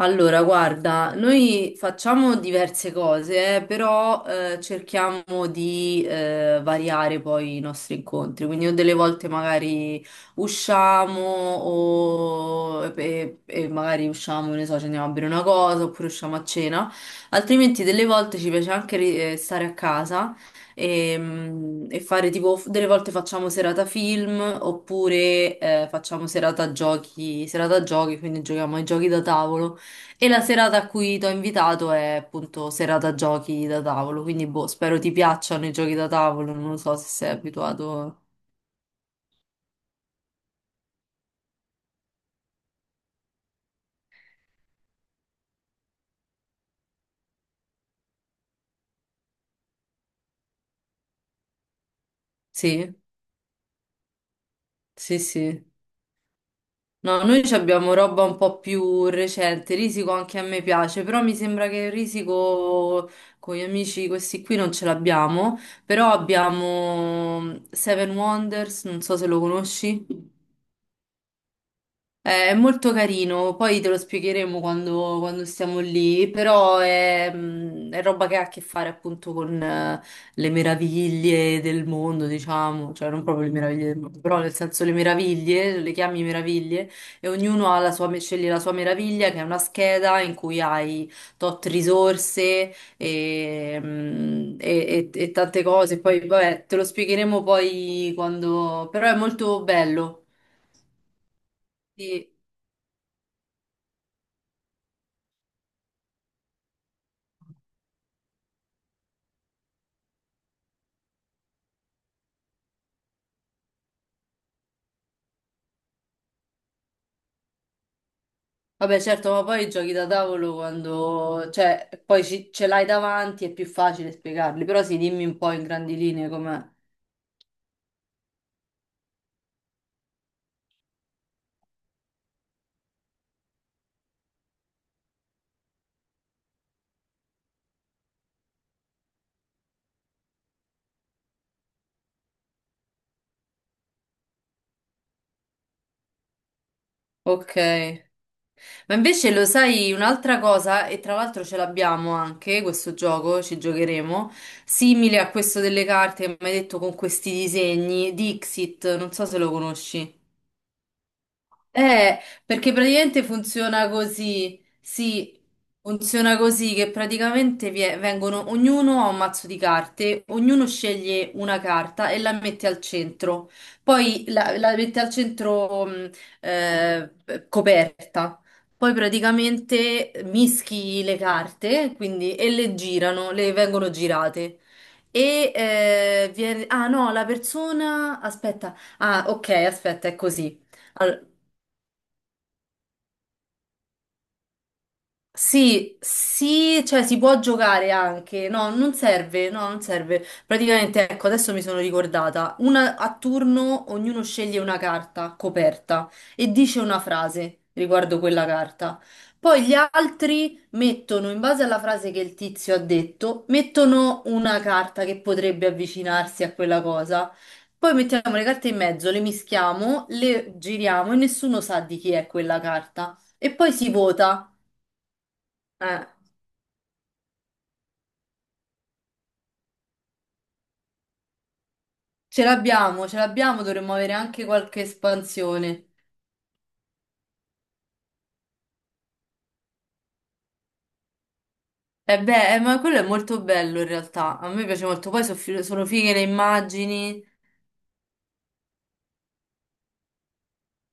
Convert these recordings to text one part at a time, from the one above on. Allora, guarda, noi facciamo diverse cose, però cerchiamo di variare poi i nostri incontri. Quindi o delle volte magari usciamo o e magari usciamo, che ne so, ci andiamo a bere una cosa oppure usciamo a cena. Altrimenti delle volte ci piace anche stare a casa e fare tipo, delle volte facciamo serata film oppure facciamo serata giochi, quindi giochiamo ai giochi da tavolo. E la serata a cui ti ho invitato è appunto serata giochi da tavolo, quindi boh, spero ti piacciono i giochi da tavolo, non lo so se sei abituato. Sì, sì, sì. No, noi ci abbiamo roba un po' più recente, Risico anche a me piace, però mi sembra che Risico con gli amici questi qui non ce l'abbiamo, però abbiamo Seven Wonders, non so se lo conosci. È molto carino, poi te lo spiegheremo quando siamo lì, però è roba che ha a che fare appunto con le meraviglie del mondo, diciamo, cioè non proprio le meraviglie del mondo, però nel senso le meraviglie, le chiami meraviglie, e ognuno ha la sua, sceglie la sua meraviglia, che è una scheda in cui hai tot risorse e tante cose, poi vabbè, te lo spiegheremo poi quando, però è molto bello. Sì. Vabbè, certo, ma poi i giochi da tavolo quando, cioè, poi ce l'hai davanti è più facile spiegarli, però sì, dimmi un po' in grandi linee com'è. Ok. Ma invece lo sai un'altra cosa, e tra l'altro ce l'abbiamo anche questo gioco, ci giocheremo, simile a questo delle carte che mi hai detto con questi disegni, Dixit, non so se lo conosci. Eh, Perché praticamente funziona così, sì, funziona così che praticamente vengono, ognuno ha un mazzo di carte, ognuno sceglie una carta e la mette al centro, poi la mette al centro eh, coperta, poi praticamente mischi le carte, quindi, e le girano, le vengono girate. Ah no, Aspetta. Ah, ok, aspetta, è così. Sì, sì, cioè si può giocare anche, no, non serve, no, non serve. Praticamente, ecco, adesso mi sono ricordata, una, a turno ognuno sceglie una carta coperta e dice una frase riguardo quella carta. Poi gli altri mettono, in base alla frase che il tizio ha detto, mettono una carta che potrebbe avvicinarsi a quella cosa. Poi mettiamo le carte in mezzo, le mischiamo, le giriamo e nessuno sa di chi è quella carta. E poi si vota. Eh. Ce l'abbiamo, dovremmo avere anche qualche espansione. E beh, ma quello è molto bello in realtà, a me piace molto, poi so fi- sono fighe le immagini,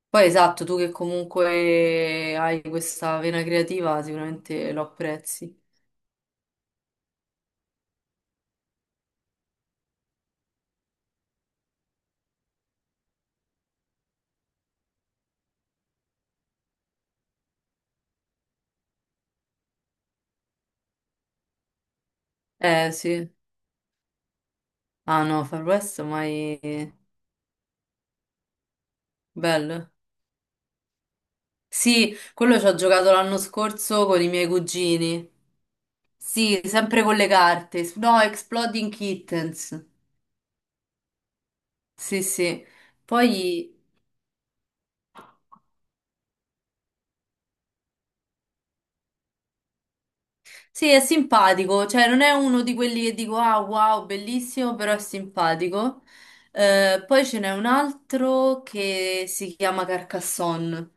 poi esatto, tu che comunque hai questa vena creativa sicuramente lo apprezzi. Eh sì, ah no, Far West mai bello. Sì, quello ci ho giocato l'anno scorso con i miei cugini. Sì, sempre con le carte. No, Exploding Kittens. Sì, sì. Poi sì, è simpatico, cioè non è uno di quelli che dico ah wow, bellissimo, però è simpatico. Poi ce n'è un altro che si chiama Carcassonne,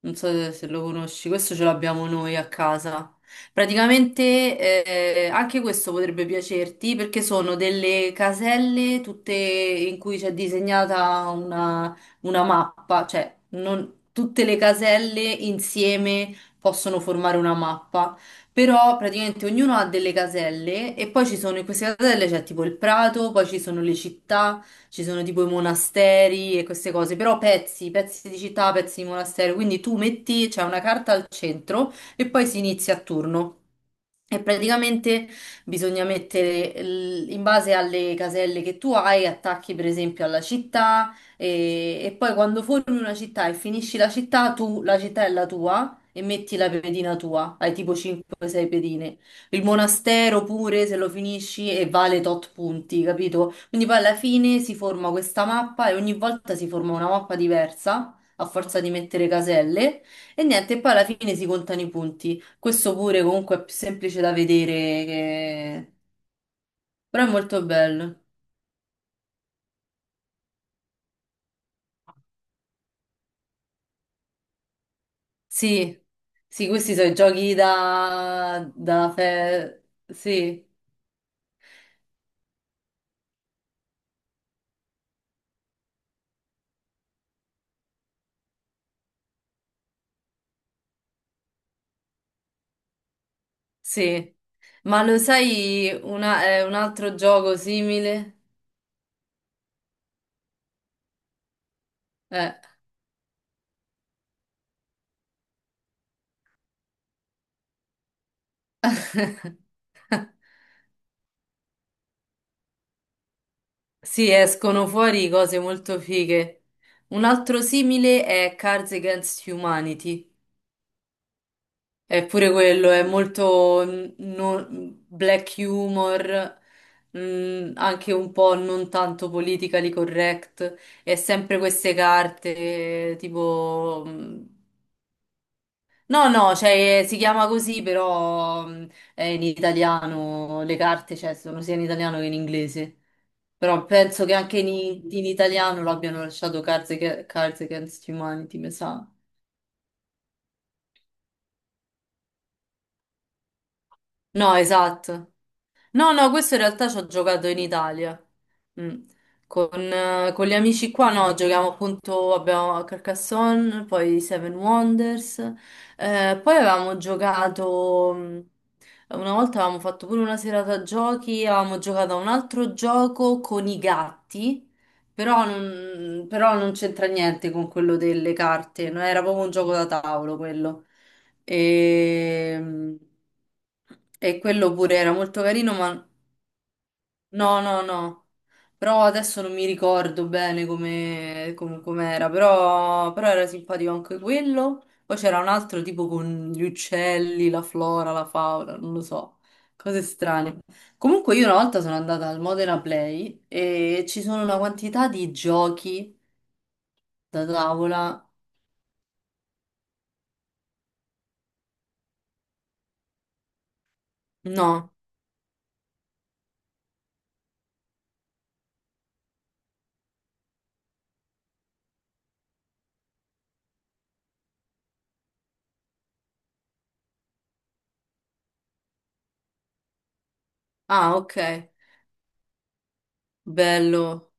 non so se se lo conosci, questo ce l'abbiamo noi a casa. Praticamente anche questo potrebbe piacerti perché sono delle caselle tutte in cui c'è disegnata una mappa, cioè non- tutte le caselle insieme possono formare una mappa, però praticamente ognuno ha delle caselle e poi ci sono in queste caselle c'è tipo il prato, poi ci sono le città, ci sono tipo i monasteri e queste cose, però pezzi, pezzi di città, pezzi di monastero, quindi tu metti, c'è una carta al centro e poi si inizia a turno. E praticamente bisogna mettere l- in base alle caselle che tu hai, attacchi per esempio alla città e poi quando formi una città e finisci la città, tu la città è la tua e metti la pedina tua, hai tipo 5-6 pedine. Il monastero pure se lo finisci e vale tot punti, capito? Quindi poi alla fine si forma questa mappa e ogni volta si forma una mappa diversa a forza di mettere caselle, e niente, e poi alla fine si contano i punti. Questo pure comunque è più semplice da vedere, che- però è molto bello. Sì, sì, questi sono i giochi. Sì, sì. Ma lo sai un altro gioco simile? Eh. Sì, escono fuori cose molto fighe. Un altro simile è Cards Against Humanity. È pure quello, è molto black humor, anche un po' non tanto politically correct. E sempre queste carte, tipo. No, no, cioè, si chiama così, però è in italiano, le carte, cioè, sono sia in italiano che in inglese. Però penso che anche in italiano l'abbiano lasciato Cards Against Humanity, mi sa. No, esatto. No, no, questo in realtà ci ho giocato in Italia. Mm. Con gli amici qua, no, giochiamo appunto, abbiamo Carcassonne, poi Seven Wonders, poi avevamo giocato, una volta avevamo fatto pure una serata a giochi, avevamo giocato a un altro gioco con i gatti, però non c'entra niente con quello delle carte, no? Era proprio un gioco da tavolo quello. E, e quello pure era molto carino, ma no, no, no. Però adesso non mi ricordo bene com'era, però era simpatico anche quello. Poi c'era un altro tipo con gli uccelli, la flora, la fauna, non lo so, cose strane. Comunque io una volta sono andata al Modena Play e ci sono una quantità di giochi da tavola. No. Ah, ok. Bello.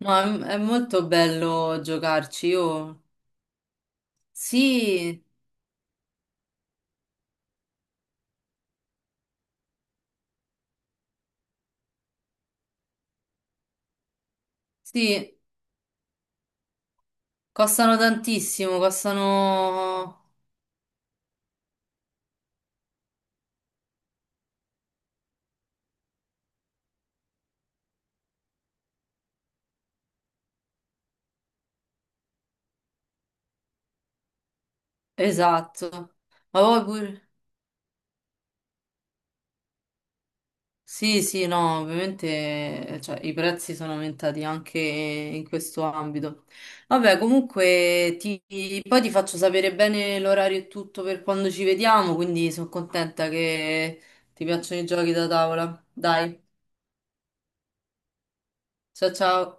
No, è molto bello giocarci, io. Sì, sì, costano tantissimo. Esatto. Ma poi pure. Sì, sì, no, ovviamente cioè, i prezzi sono aumentati anche in questo ambito. Vabbè, comunque poi ti faccio sapere bene l'orario e tutto per quando ci vediamo, quindi sono contenta che ti piacciono i giochi da tavola. Dai, ciao ciao.